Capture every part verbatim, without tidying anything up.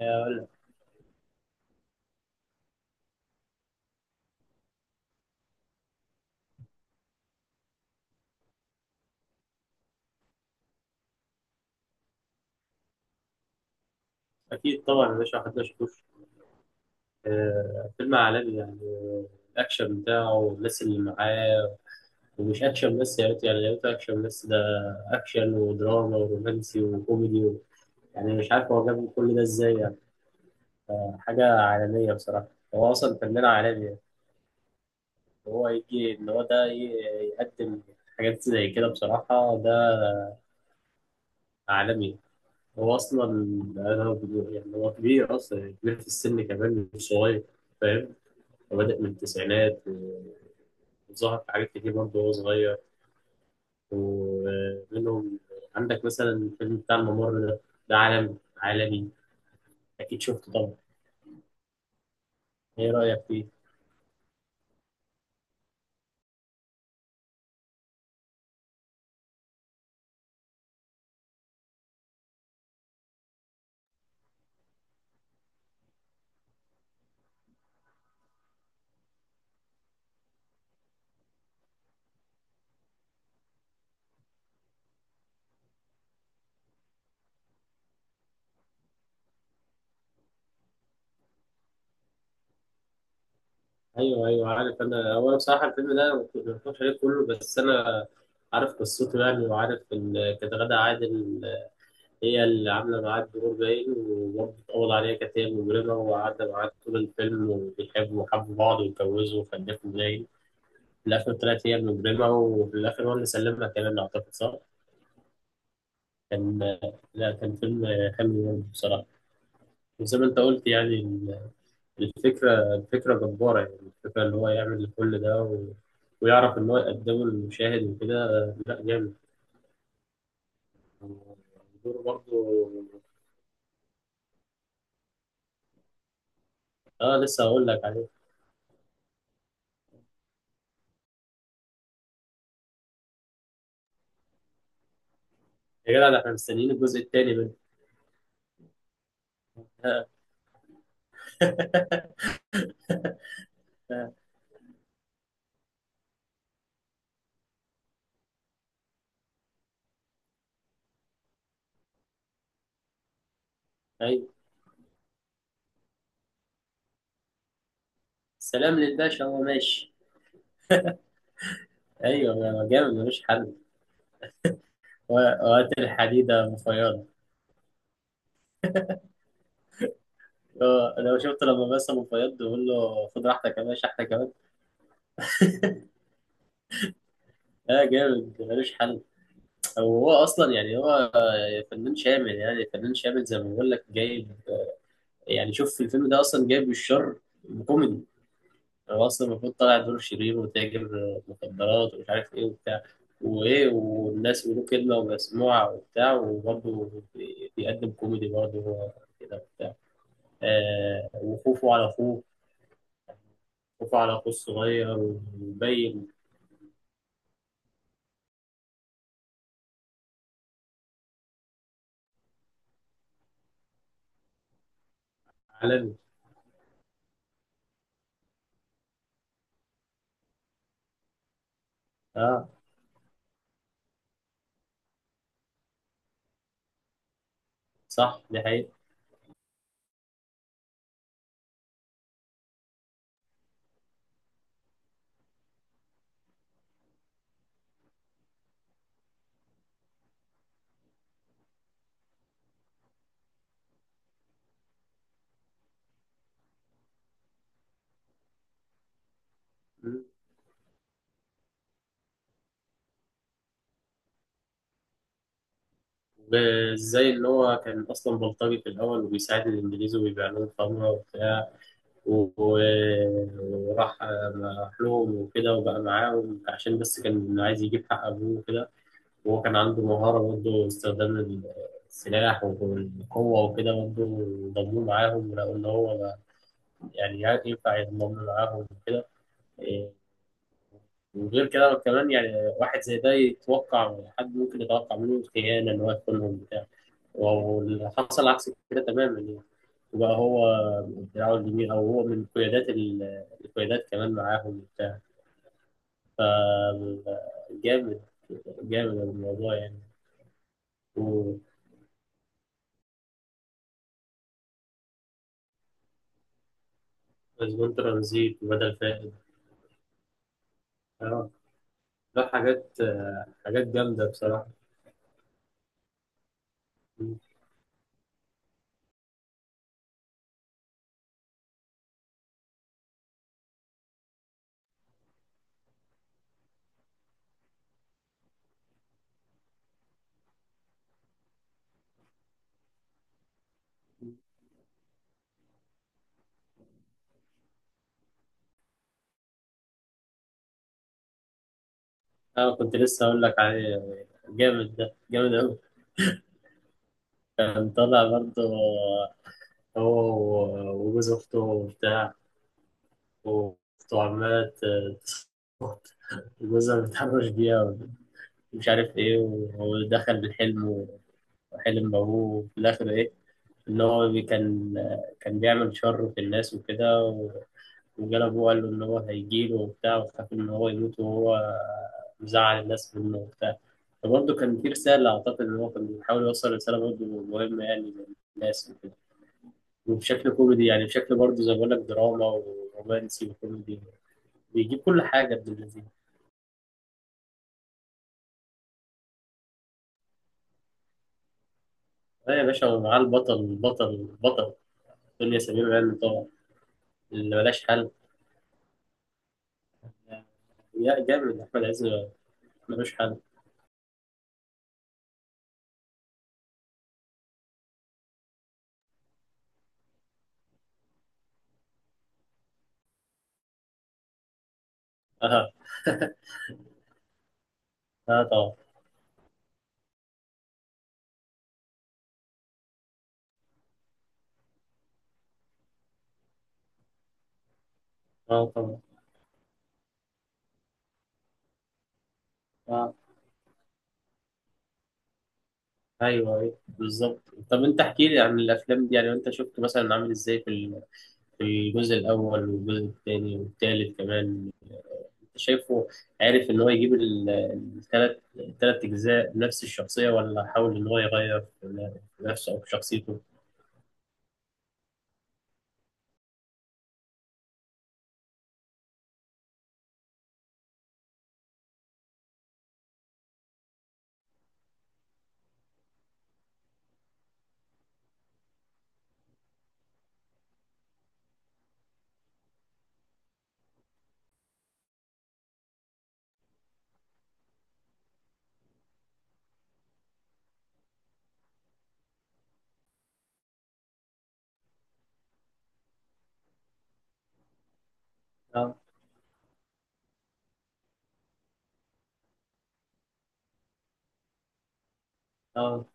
أقول لك. أكيد طبعا يا باشا، محدش يشوف. آه، فيلم عالمي يعني آه، الأكشن بتاعه والناس اللي معاه. ومش أكشن بس، يا ريت يعني يا ريت أكشن بس. ده أكشن ودراما ورومانسي وكوميدي و... يعني مش عارف هو جاب كل ده إزاي يعني. آه، حاجة عالمية بصراحة. هو أصلا فنان عالمي يعني. هو يجي إن هو ده ي- يقدم حاجات زي كده، بصراحة ده عالمي. هو أصلا أنا يعني، هو كبير أصلا، يعني كبير في السن كمان مش صغير، فاهم. بادئ من التسعينات، وظهر في حاجات كتير برضه وهو صغير. ومنهم، عندك مثلا الفيلم بتاع الممر ده، ده عالم عالمي، اكيد شفته طبعا. ايه رايك فيه؟ ايوه ايوه، عارف انا. هو أنا بصراحه الفيلم ده ما كنت- ما اتفرجتش عليه كله، بس انا عارف قصته يعني، وعارف ان كانت غادة عادل هي اللي عامله معاه الدور باين. وبرضه اتقبض عليها، كانت هي المجرمه، وقعدت معاه طول الفيلم، وبيحبوا وحبوا بعض واتجوزوا وخلفوا باين. في الآخر طلعت هي المجرمة، وفي الآخر هو اللي سلمها كمان، أعتقد صح؟ كان، لا كان فيلم حلو برضه بصراحة. وزي ما أنت قلت يعني ال- الفكرة الفكرة جبارة يعني. الفكرة اللي هو يعمل كل ده و... ويعرف إن هو يقدمه للمشاهد وكده، لا جامد. دوره برضه، آه لسه هقول لك عليه. يا جدع، ده إحنا مستنيين الجزء التاني منه. أيوه. سلام للباشا، هو ماشي. أيوه جامد ملوش حل. و- وقت الحديدة مفيضة. اه، انا شفت لما مثلا فياض بيقول له خد راحتك يا باشا احنا كمان. اه جامد ملوش حل. هو اصلا يعني، هو فنان شامل، يعني فنان شامل زي ما بقول لك، جايب يعني، شوف في الفيلم ده اصلا جايب الشر كوميدي. هو اصلا المفروض طالع دور شرير وتاجر مخدرات ومش عارف ايه وبتاع، وايه والناس بيقولوا كلمه ومسموعه وبتاع، وبرضه بي- بيقدم كوميدي برضه، هو كده وبتاع. آه وخوفه على اخوه، خوفه على اخوه الصغير ومبين. عالمي. اه صح، دي حقيقة. مم. وازاي ان هو كان اصلا بلطجي في الاول، وبيساعد الانجليز وبيبيع لهم خمره وبتاع، و- و- وراح راح لهم وكده، وبقى معاهم عشان بس كان عايز يجيب حق ابوه وكده. وهو كان عنده مهاره برضه، استخدام السلاح والقوه وكده برضه. ضموه معاهم، ولقوا ان هو يعني ينفع يضمن معاهم وكده. وغير كده كمان يعني، واحد زي ده يتوقع حد ممكن يتوقع منه خيانة، إن هو يخونهم بتاع. واللي حصل عكس كده تماما يعني. وبقى هو دراعه اليمين، أو هو من قيادات ال- القيادات كمان معاهم وبتاع. فجامد، جامد الموضوع يعني. ومسجون ترانزيت وبدل فائد. اه، لا حاجات آه، حاجات جامدة بصراحة. أنا كنت لسه أقول لك عليه، جامد ده، جامد أوي. كان طالع برضه هو و- وجوز أخته وبتاع، وأخته عمالة ت- جوزها متحرش بيها، ومش عارف إيه، وهو دخل بالحلم وحلم بأبوه. وفي الآخر إيه، إن هو بي- كان كان بيعمل شر في الناس وكده، و- وجاله أبوه قال له إن هو هيجيله وبتاع، وخاف إن هو يموت وهو مزعل الناس منه وبتاع. فبرضه كان في رسالة، أعتقد إن هو كان بيحاول يوصل رسالة برضه مهمة يعني للناس وكده. وبشكل كوميدي يعني، بشكل برضه زي ما بقول لك، دراما ورومانسي وكوميدي، بيجيب كل حاجة، ابن الذين. اه يا باشا، ومعاه البطل البطل البطل دنيا سمير غانم طبعا، اللي ملاش حل. يا جامد أحمد عز، ملوش حل. اه اه طبعا. اه طبعا. اه. ايوه ايوه بالظبط. طب انت احكي لي عن الافلام دي يعني، انت شفت مثلا عامل ازاي في ال- في الجزء الاول والجزء الثاني والثالث كمان، شايفه؟ عارف ان هو يجيب الثلاث الثلاث اجزاء بنفس الشخصيه، ولا حاول ان هو يغير في في نفسه او في شخصيته؟ اه اه.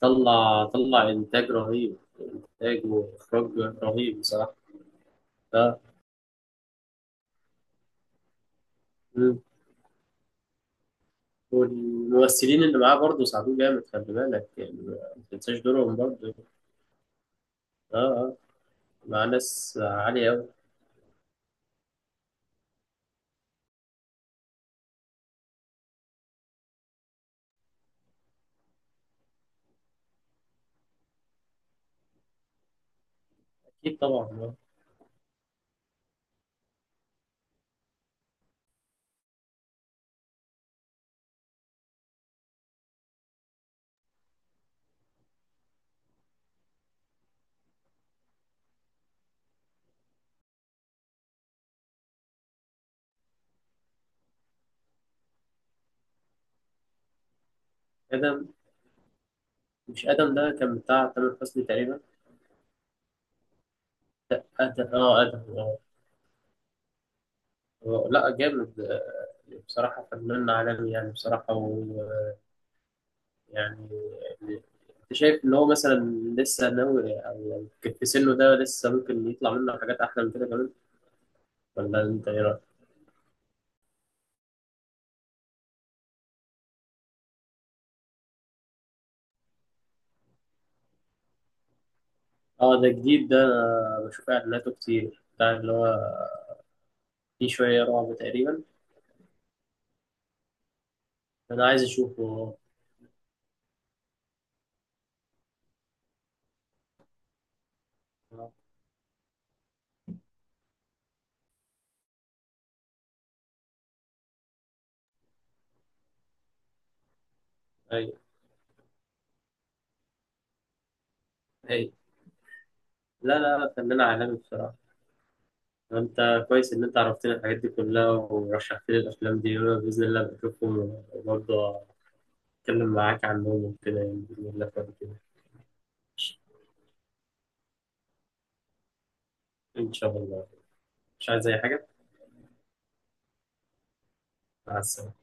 طلع طلع انتاج رهيب، انتاج واخراج رهيب بصراحه. اه. مم. والممثلين اللي معاه برضه ساعدوه جامد، خلي بالك يعني ما تنساش دورهم برضه. اه اه، مع ناس عاليه قوي. اكيد طبعا آه. ادم، مش ادم ده كان بتاع تامر حسني تقريبا. ادم، اه ادم آه. آه، لا جامد، آه، بصراحة فنان عالمي يعني، بصراحة. ويعني أنت شايف إن هو مثلا لسه ناوي، أو يعني في سنه ده لسه ممكن يطلع منه حاجات أحلى من كده كمان، ولا أنت إيه رأيك؟ أه ده جديد، ده أنا بشوف إعلاناته كتير، بتاع اللي هو فيه شوية رعب تقريبا. أنا عايز أشوفه. آه، أيوه أيوه. لا لا لا، فنان عالمي بصراحة. أنت كويس إن أنت عرفتني الحاجات دي كلها، ورشحت لي الأفلام دي، وأنا بإذن الله بشوفهم، وبرضه أتكلم معاك عنهم وكده يعني، بإذن الله بعد كده. إن شاء الله، مش عايز أي حاجة. مع السلامة.